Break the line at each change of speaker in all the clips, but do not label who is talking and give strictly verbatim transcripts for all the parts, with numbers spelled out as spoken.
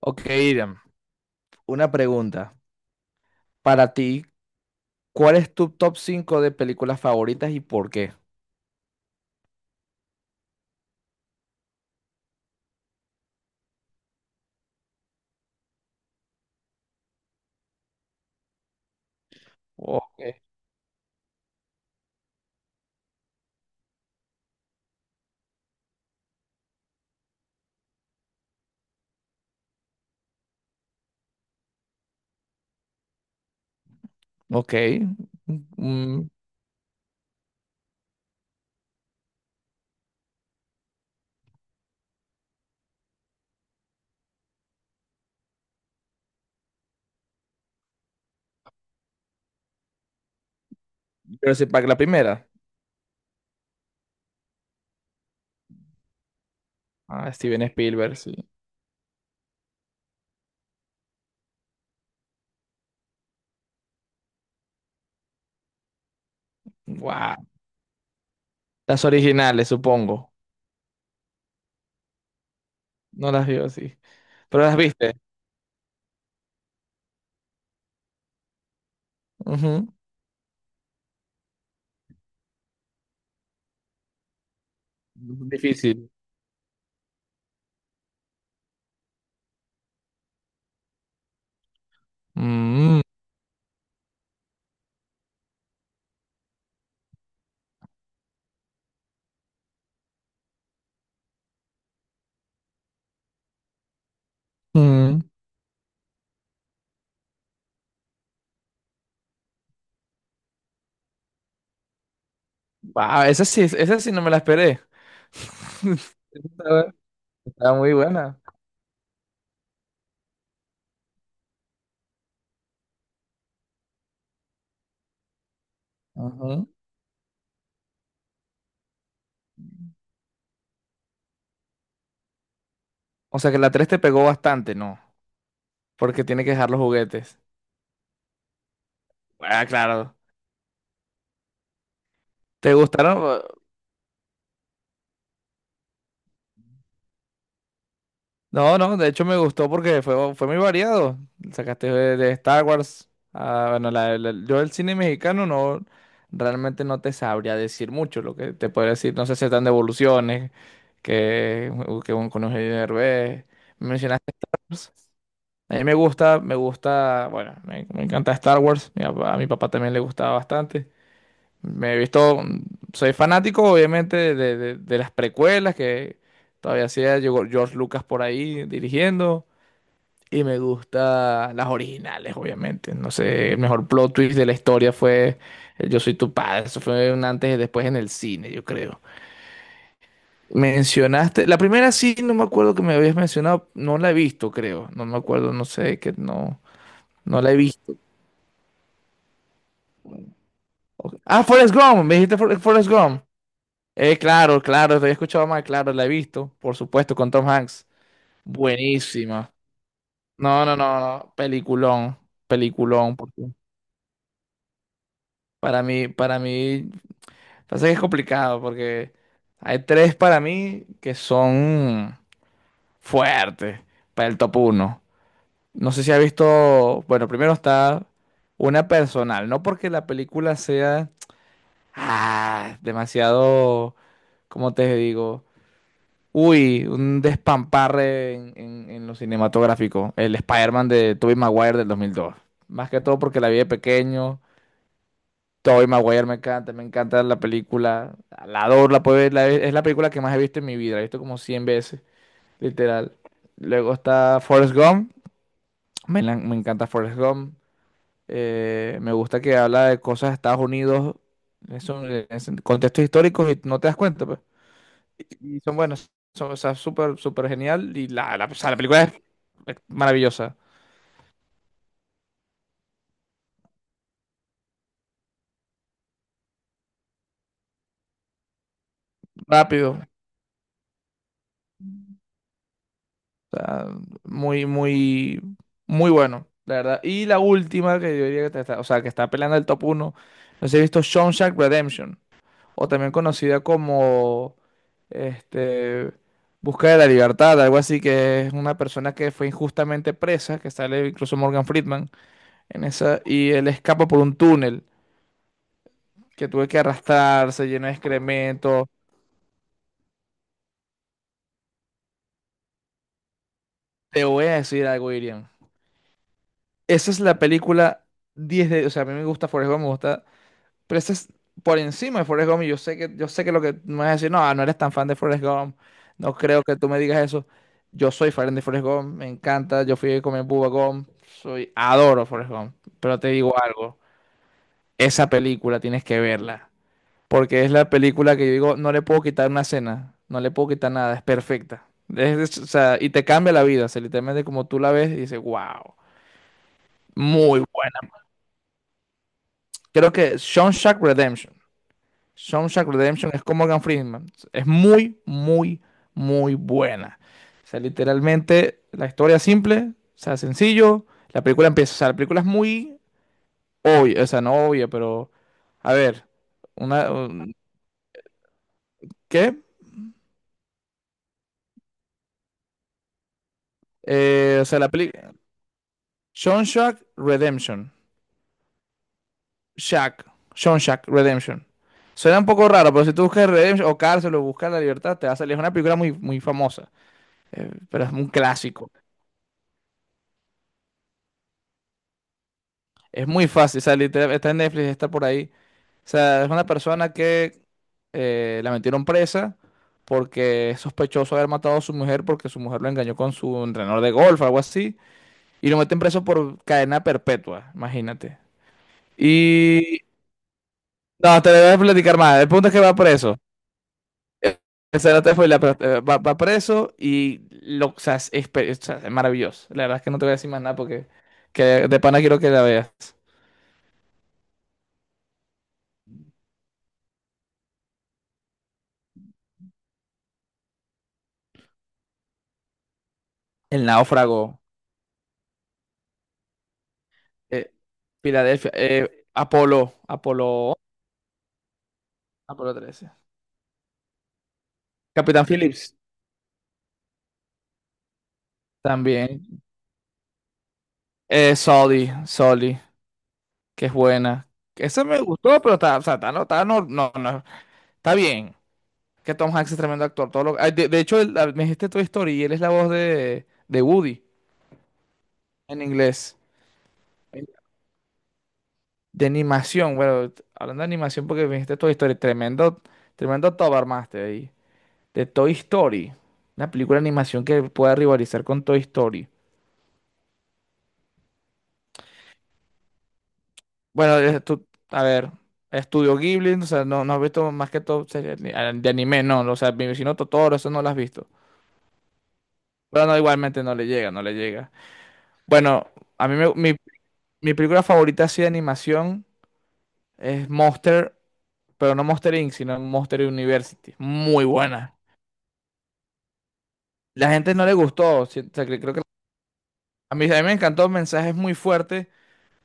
Ok, Iriam, una pregunta. Para ti, ¿cuál es tu top cinco de películas favoritas y por qué? Ok. Ok. Mm, pero si para la primera. Ah, Steven Spielberg, sí. Wow. Las originales, supongo. No las vio, sí. Pero las viste. Ujú. Difícil. Mm, mm. Wow, esa sí, esa sí no me la esperé. Estaba estaba muy buena. Ujú. O sea que la tres te pegó bastante, ¿no? Porque tiene que dejar los juguetes. Ah, claro. ¿Te, sí, gustaron? No, no, de hecho me gustó porque fue, fue, muy variado. Sacaste de, de Star Wars. Ah, bueno, la- la- yo el cine mexicano no, realmente no te sabría decir mucho lo que te puedo decir. No sé si están de evoluciones, que, que un, con Eugenio Derbez. Mencionaste Star Wars. A mí me gusta, me gusta, bueno, me, me encanta Star Wars. Mi papá- a mi papá también le gustaba bastante. Me he visto, soy fanático obviamente de, de- de las precuelas que todavía hacía llegó George Lucas por ahí dirigiendo, y me gusta las originales obviamente. No sé, el mejor plot twist de la historia fue, eh, "Yo soy tu padre". Eso fue un antes y después en el cine, yo creo. Mencionaste la primera, sí, no me acuerdo que me habías mencionado, no la he visto creo, no me acuerdo, no sé, que no, no la he visto. Ah, Forrest Gump, me dijiste Forrest Forrest Gump. Eh, claro, claro, te he escuchado más, claro, la he visto, por supuesto, con Tom Hanks. Buenísima. No, no, no, no, peliculón, peliculón, porque para mí, para mí, pasa que es complicado porque hay tres para mí que son fuertes para el top uno. No sé si has visto, bueno, primero está una personal, no porque la película sea, ah, demasiado, ¿cómo te digo? Uy, un despamparre en, en- en lo cinematográfico. El Spider-Man de Tobey Maguire del dos mil dos. Más que todo porque la vi de pequeño. Tobey Maguire me encanta, me encanta la película. La adoro, la puedo ver. la- es la película que más he visto en mi vida. La he visto como cien veces, literal. Luego está Forrest Gump. Me, la- me encanta Forrest Gump. Eh, me gusta que habla de cosas de Estados Unidos. Eso, eh, es en contextos históricos y no te das cuenta, pues. Y son buenas. Son, o sea, súper, súper genial. Y la, la, o sea, la película es es maravillosa. Rápido. O sea, muy, muy, muy bueno, la verdad. Y la última que yo diría que te está, o sea, que está peleando el top uno, no sé si he visto Shawshank Redemption. O también conocida como este, Busca de la Libertad, algo así, que es una persona que fue injustamente presa, que sale incluso Morgan Friedman en esa, y él escapa por un túnel que tuve que arrastrarse lleno de excrementos. Te voy a decir algo, Irian. Esa es la película diez de... O sea, a mí me gusta Forrest Gump, me gusta... Pero esa es por encima de Forrest Gump, y yo sé que, yo sé que lo que me vas a decir, no, no eres tan fan de Forrest Gump, no creo que tú me digas eso. Yo soy fan de Forrest Gump, me encanta, yo fui a comer Bubba Gump, soy, adoro Forrest Gump. Pero te digo algo, esa película tienes que verla, porque es la película que yo digo, no le puedo quitar una escena, no le puedo quitar nada, es perfecta. Es- es- o sea, y te cambia la vida, o sea, literalmente como tú la ves y dices, wow. Muy buena. Creo que Shawshank Redemption. Shawshank Redemption es con Morgan Freeman. Es muy, muy, muy buena. O sea, literalmente la historia es simple, o sea, sencillo. La película empieza, o sea, la película es muy obvia, o sea, no obvia, pero a ver, una un- ¿qué? Eh, o sea, la película Shawshank Redemption. Shack, Shawshank Redemption. Suena un poco raro, pero si tú buscas Redemption o cárcel o buscas la libertad, te va a salir. Es una película muy, muy famosa. Eh, pero es un clásico. Es muy fácil, o sea, literal, está en Netflix, está por ahí. O sea, es una persona que, eh, la metieron presa porque es sospechoso de haber matado a su mujer porque su mujer lo engañó con su entrenador de golf, algo así. Y lo meten preso por cadena perpetua, imagínate. Y... No, te voy a platicar más. El punto es que va preso. Esa no te fue la- pero, eh, va, va preso y lo, o sea, es, es- o sea, es maravilloso. La verdad es que no te voy a decir más nada porque que de pana quiero que la veas. El náufrago. eh, Filadelfia. eh, Apolo. Apolo. Apolo trece. Capitán Phillips. También. Eh, Sully, Soli. Que es buena. Esa me gustó, pero está, o sea, está, no, está, no, no, no, está bien. Que Tom Hanks es tremendo actor. Todo lo- ah, de, de hecho, él- ah, me dijiste Toy Story y él es la voz de, de Woody en inglés. De animación. Bueno, t- hablando de animación, porque me dijiste Toy Story. Tremendo, tremendo Tobarmaster ahí. De Toy Story. Una película de animación que pueda rivalizar con Toy Story. Bueno, eh, tú- a ver, Estudio Ghibli, o sea, no, no has visto más que todo series de de anime, no. O sea, mi vecino Totoro, eso no lo has visto. Pero no, igualmente no le llega, no le llega. Bueno, a mí me- mi, mi película favorita así de animación es Monster, pero no Monster inc, sino Monster University. Muy buena. La gente no le gustó, sí, o sea, cre- creo que a mí, a mí me encantó. El mensaje es muy fuerte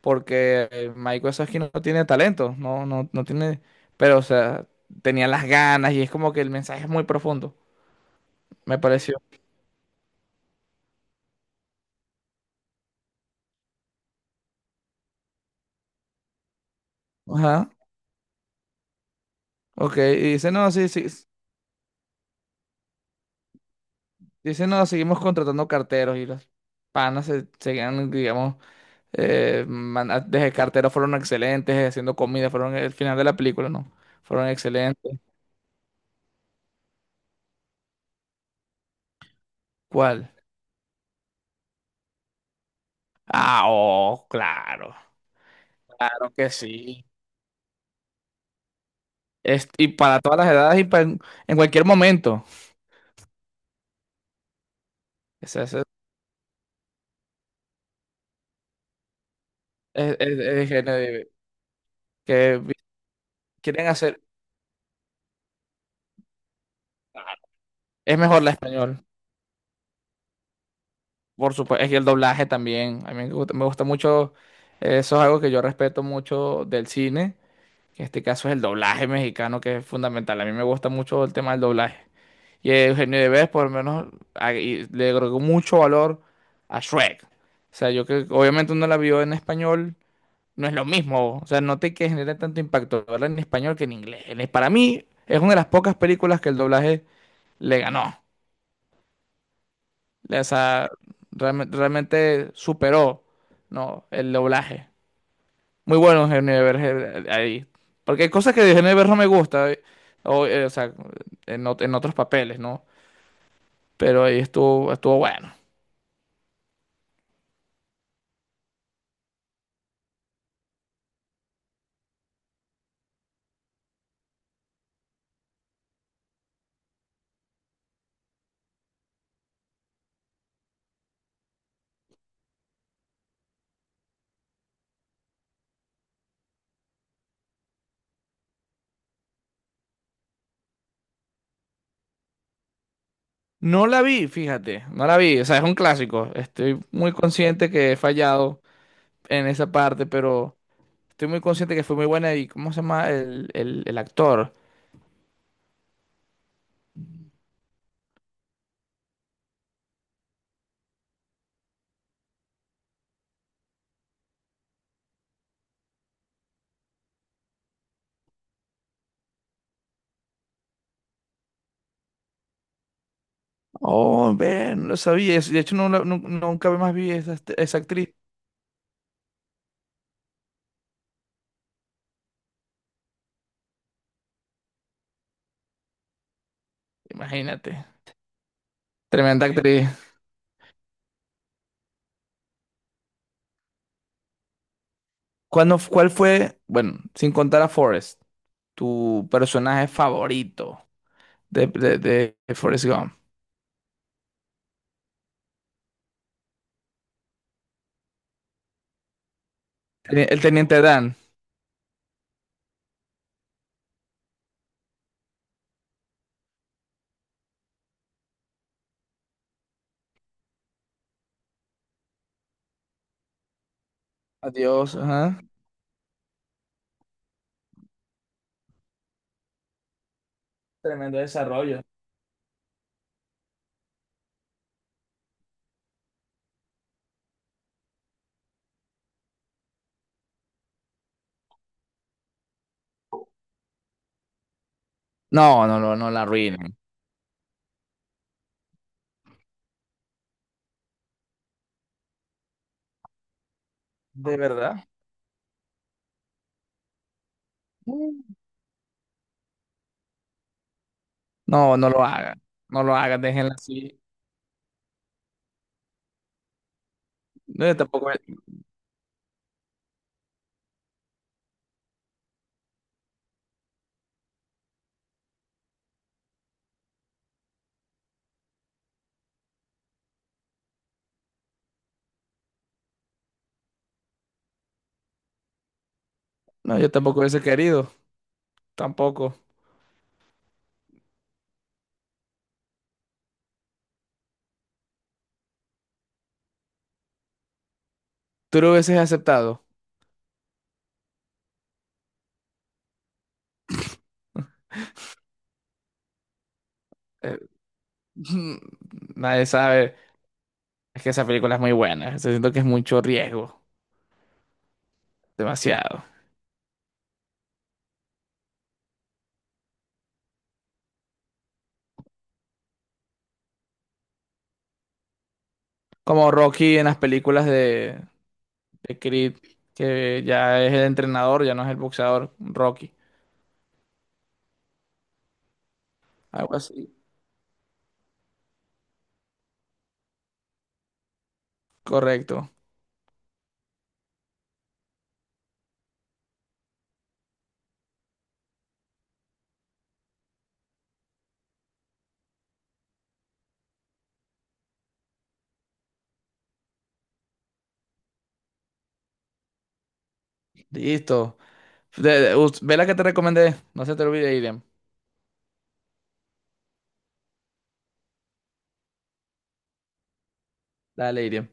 porque, eh, Mike no tiene talento, no, no, no tiene, pero o sea, tenía las ganas y es como que el mensaje es muy profundo, me pareció. Ajá, ok, y dice, no, sí, sí, s- dice, no, seguimos contratando carteros y los panas se seguían, digamos, eh, man- a- desde carteros fueron excelentes, haciendo comida, fueron el final de la película, no, fueron excelentes. ¿Cuál? Ah, oh, claro, claro que sí. Es- y para todas las edades y pa- en, en cualquier momento. Es, es- es que, nadie- que vi- quieren hacer, es mejor la español, por supuesto. Es que el doblaje también, a mí me gusta, me gusta mucho, eh, eso es algo que yo respeto mucho del cine, que en este caso es el doblaje mexicano que es fundamental, a mí me gusta mucho el tema del doblaje, y Eugenio Derbez por lo menos a- y le agregó mucho valor a Shrek, o sea, yo que obviamente uno la vio en español, no es lo mismo, o sea, no te que genere tanto impacto verla en español que en inglés. En- para mí es una de las pocas películas que el doblaje le ganó. O sea, realme- realmente superó, ¿no?, el doblaje. Muy bueno Eugenio Derbez, eh, eh, ahí. Porque hay cosas que de Eugenio Derbez no me gusta, eh, o, eh, o sea, en, ot- en otros papeles, ¿no? Pero ahí estuvo, estuvo, bueno. No la vi, fíjate, no la vi. O sea, es un clásico. Estoy muy consciente que he fallado en esa parte, pero estoy muy consciente que fue muy buena. ¿Y cómo se llama el, el, el actor? Oh, ven, no lo sabía. De hecho, no, la- nu- nunca más vi esa, esa actriz. Imagínate. Tremenda actriz. ¿Cuándo, cuál fue, bueno, sin contar a Forrest, tu personaje favorito de, de, de Forrest Gump? Teni- El teniente Dan. Adiós, ajá. Tremendo desarrollo. No, no, no, no la arruinen. ¿De verdad? No, no lo hagan. No lo hagan, déjenla así. No, yo tampoco, no, yo tampoco hubiese querido. Tampoco. ¿Tú lo hubieses aceptado? Eh, nadie sabe. Es que esa película es muy buena. Siento que es mucho riesgo. Demasiado. Como Rocky en las películas de, de Creed, que ya es el entrenador, ya no es el boxeador, Rocky. Algo así. Correcto. Listo. De- de- us- ve la que te recomendé. No se te olvide, Iriam. Dale, Iriam.